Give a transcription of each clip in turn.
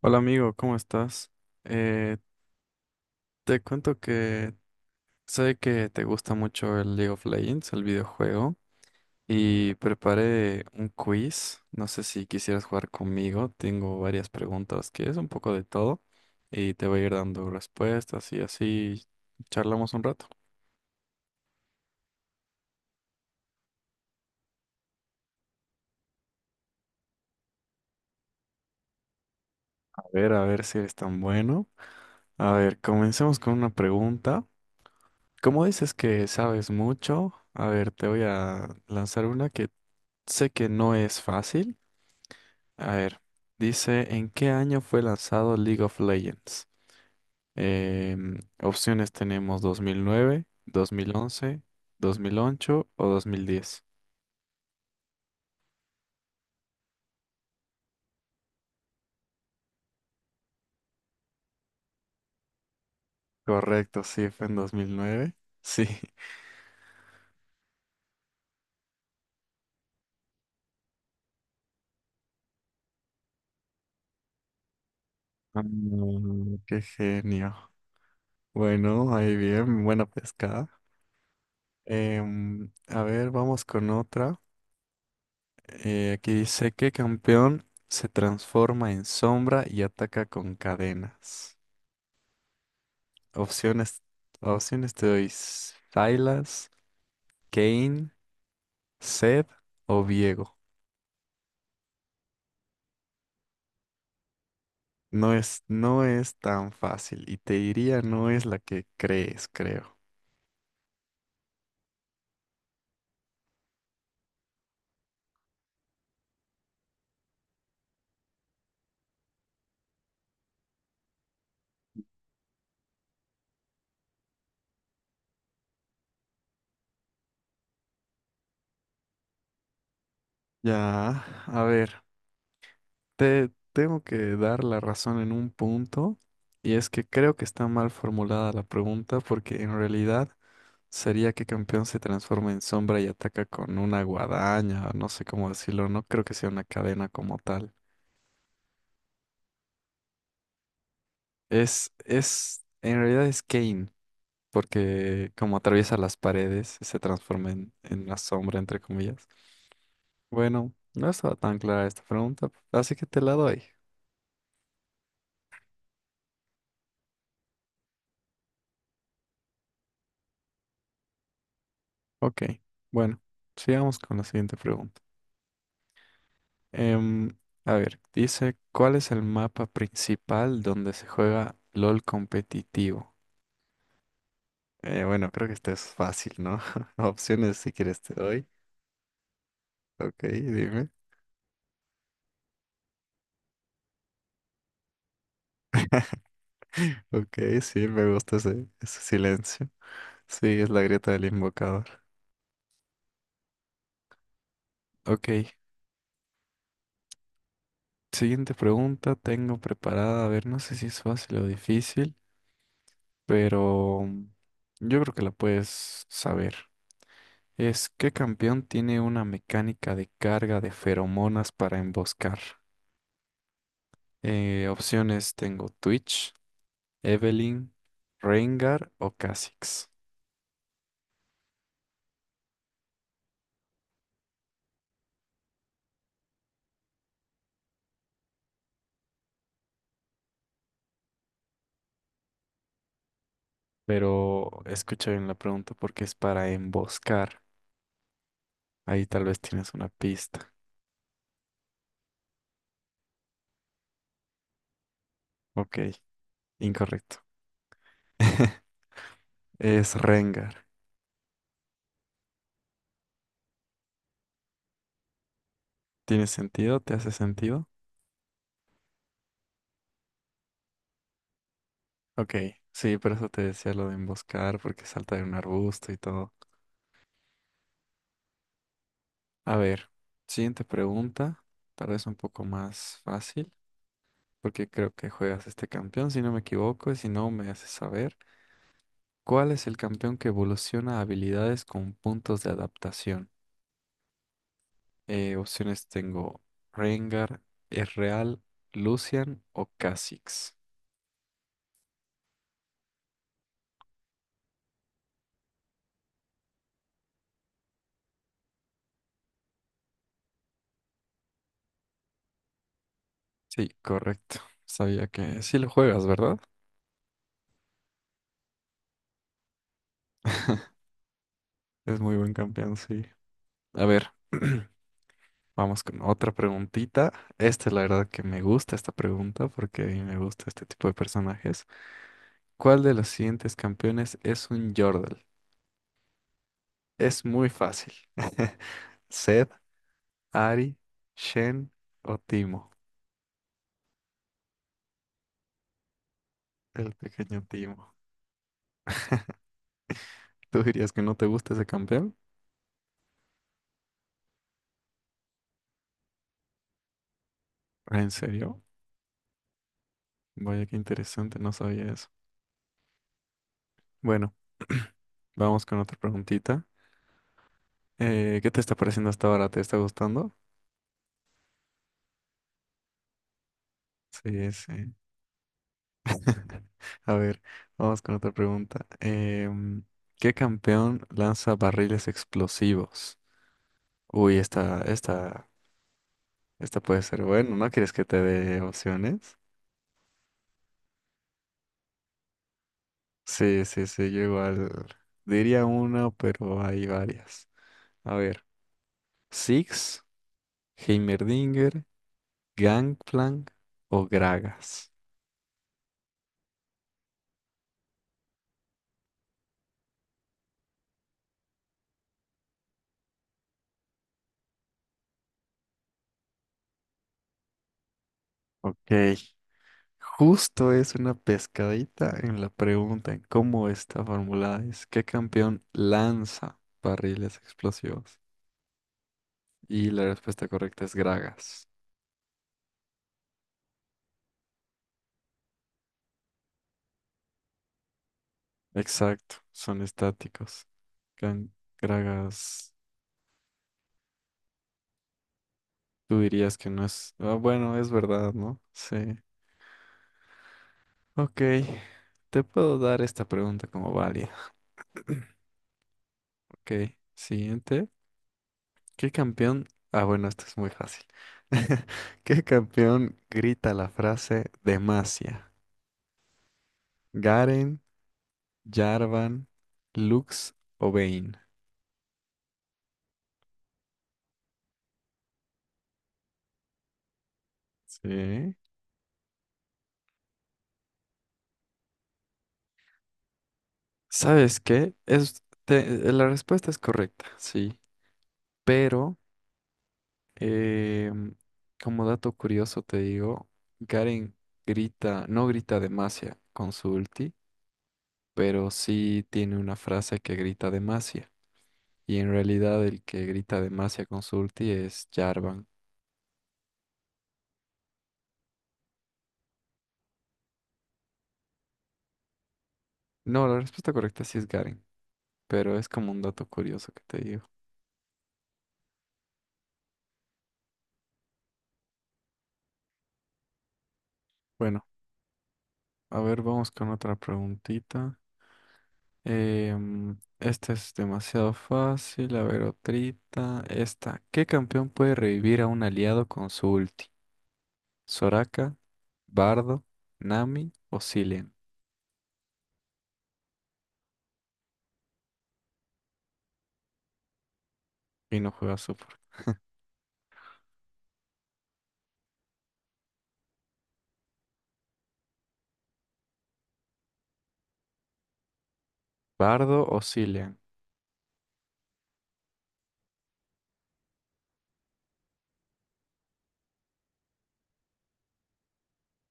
Hola amigo, ¿cómo estás? Eh, Te cuento que sé que te gusta mucho el League of Legends, el videojuego, y preparé un quiz. No sé si quisieras jugar conmigo. Tengo varias preguntas que es un poco de todo y te voy a ir dando respuestas y así charlamos un rato. A ver si eres tan bueno. A ver, comencemos con una pregunta. ¿Como dices que sabes mucho? A ver, te voy a lanzar una que sé que no es fácil. A ver, dice, ¿en qué año fue lanzado League of Legends? Opciones tenemos dos mil nueve, 2011, 2008 o 2010. Correcto, sí, fue en 2009. Sí. Mm, qué genio. Bueno, ahí bien, buena pescada. A ver, vamos con otra. Aquí dice, ¿qué campeón se transforma en sombra y ataca con cadenas? Opciones, opciones te doy Silas, Kane, Seth o Diego. No es tan fácil y te diría no es la que crees, creo. Ya, a ver, te tengo que dar la razón en un punto y es que creo que está mal formulada la pregunta porque en realidad sería que campeón se transforma en sombra y ataca con una guadaña, o no sé cómo decirlo, no creo que sea una cadena como tal. En realidad es Kane, porque como atraviesa las paredes, se transforma en la sombra, entre comillas. Bueno, no estaba tan clara esta pregunta, así que te la doy. Ok, bueno, sigamos con la siguiente pregunta. Em, a ver, dice, ¿cuál es el mapa principal donde se juega LOL competitivo? Bueno, creo que esto es fácil, ¿no? Opciones si quieres te doy. Ok, dime. Ok, sí, me gusta ese silencio. Sí, es la grieta del invocador. Ok, siguiente pregunta tengo preparada. A ver, no sé si es fácil o difícil, pero mm, yo creo que la puedes saber. Es, ¿qué campeón tiene una mecánica de carga de feromonas para emboscar? Opciones tengo Twitch, Evelynn, Rengar o Kha'Zix. Pero escucha bien la pregunta porque es para emboscar. Ahí tal vez tienes una pista. Ok, incorrecto. Es Rengar. ¿Tiene sentido? ¿Te hace sentido? Ok, sí, por eso te decía lo de emboscar, porque salta de un arbusto y todo. A ver, siguiente pregunta, tal vez un poco más fácil, porque creo que juegas este campeón, si no me equivoco, y si no me haces saber. ¿Cuál es el campeón que evoluciona habilidades con puntos de adaptación? Opciones tengo Rengar, Ezreal, Lucian o Kha'Zix. Sí, correcto. Sabía que sí lo juegas, ¿verdad? Es muy buen campeón, sí. A ver, vamos con otra preguntita. Esta es la verdad que me gusta esta pregunta porque a mí me gusta este tipo de personajes. ¿Cuál de los siguientes campeones es un Yordle? Es muy fácil. Zed, Ari, Shen o Timo. El pequeño Timo. ¿Tú dirías que no te gusta ese campeón? ¿En serio? Vaya qué interesante, no sabía eso. Bueno, vamos con otra preguntita. ¿qué te está pareciendo hasta ahora? ¿Te está gustando? Sí, sí. A ver, vamos con otra pregunta. ¿qué campeón lanza barriles explosivos? Uy, esta puede ser bueno. ¿No quieres que te dé opciones? Sí, sí, sí, yo igual diría una, pero hay varias. A ver, Six, Heimerdinger, Gangplank o Gragas. Ok, justo es una pescadita en la pregunta en cómo está formulada es ¿qué campeón lanza barriles explosivos? Y la respuesta correcta es Gragas. Exacto, son estáticos. Gan- Gragas, tú dirías que no es... Ah, bueno, es verdad, ¿no? Sí. Ok, te puedo dar esta pregunta como válida. Ok, siguiente. ¿Qué campeón? Ah, bueno, esto es muy fácil. ¿Qué campeón grita la frase Demacia? Garen, Jarvan, Lux o Vayne. Sí. ¿Sabes qué? La respuesta es correcta, sí. Pero, em, como dato curioso te digo, Garen no grita demasia con su ulti, pero sí tiene una frase que grita demasia. Y en realidad el que grita demasia con su ulti es Jarvan. No, la respuesta correcta sí es Garen, pero es como un dato curioso que te digo. Bueno. A ver, vamos con otra preguntita. Esta es demasiado fácil. A ver, otrita. Esta. ¿Qué campeón puede revivir a un aliado con su ulti? ¿Soraka, Bardo, Nami o Zilean? Y no juega support. ¿Bardo o Zilean?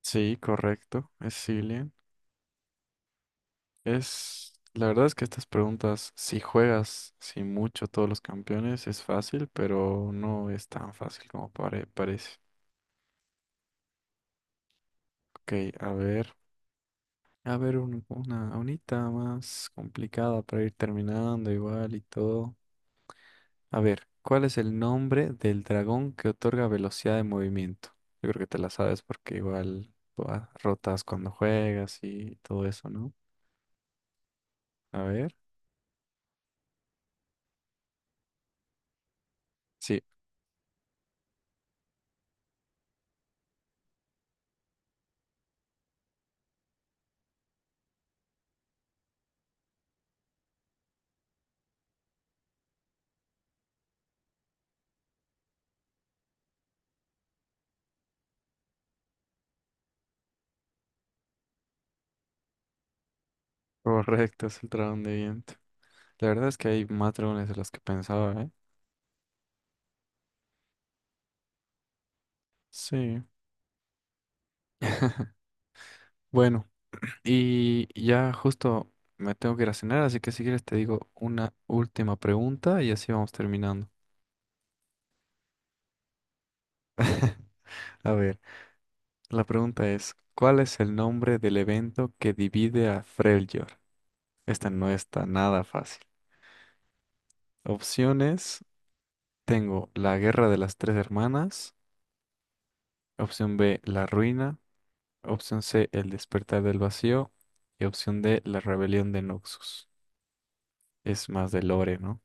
Sí, correcto. Es Zilean. Es... La verdad es que estas preguntas, si juegas sin mucho todos los campeones, es fácil, pero no es tan fácil como parece. Ok, a ver. A ver, unita más complicada para ir terminando igual y todo. A ver, ¿cuál es el nombre del dragón que otorga velocidad de movimiento? Yo creo que te la sabes porque igual buah, rotas cuando juegas y todo eso, ¿no? A ver. Sí, correcto, es el dragón de viento. La verdad es que hay más dragones de los que pensaba, ¿eh? Sí. Bueno, y ya justo me tengo que ir a cenar, así que si quieres te digo una última pregunta y así vamos terminando. A ver. La pregunta es, ¿cuál es el nombre del evento que divide a Freljord? Esta no está nada fácil. Opciones, tengo la Guerra de las Tres Hermanas, opción B, la Ruina, opción C, el Despertar del Vacío y opción D, la Rebelión de Noxus. Es más de lore, ¿no?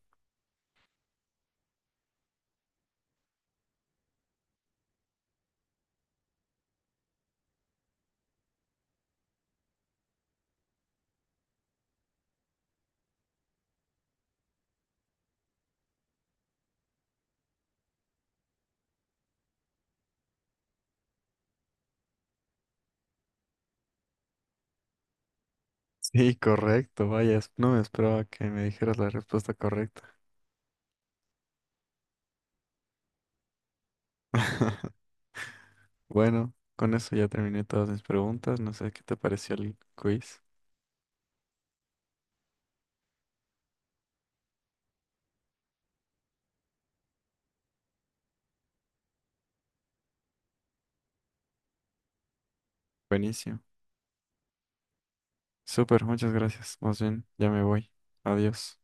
Sí, correcto, vaya, no me esperaba que me dijeras la respuesta correcta. Bueno, con eso ya terminé todas mis preguntas, no sé qué te pareció el quiz. Buenísimo. Súper, muchas gracias. Más bien, ya me voy. Adiós.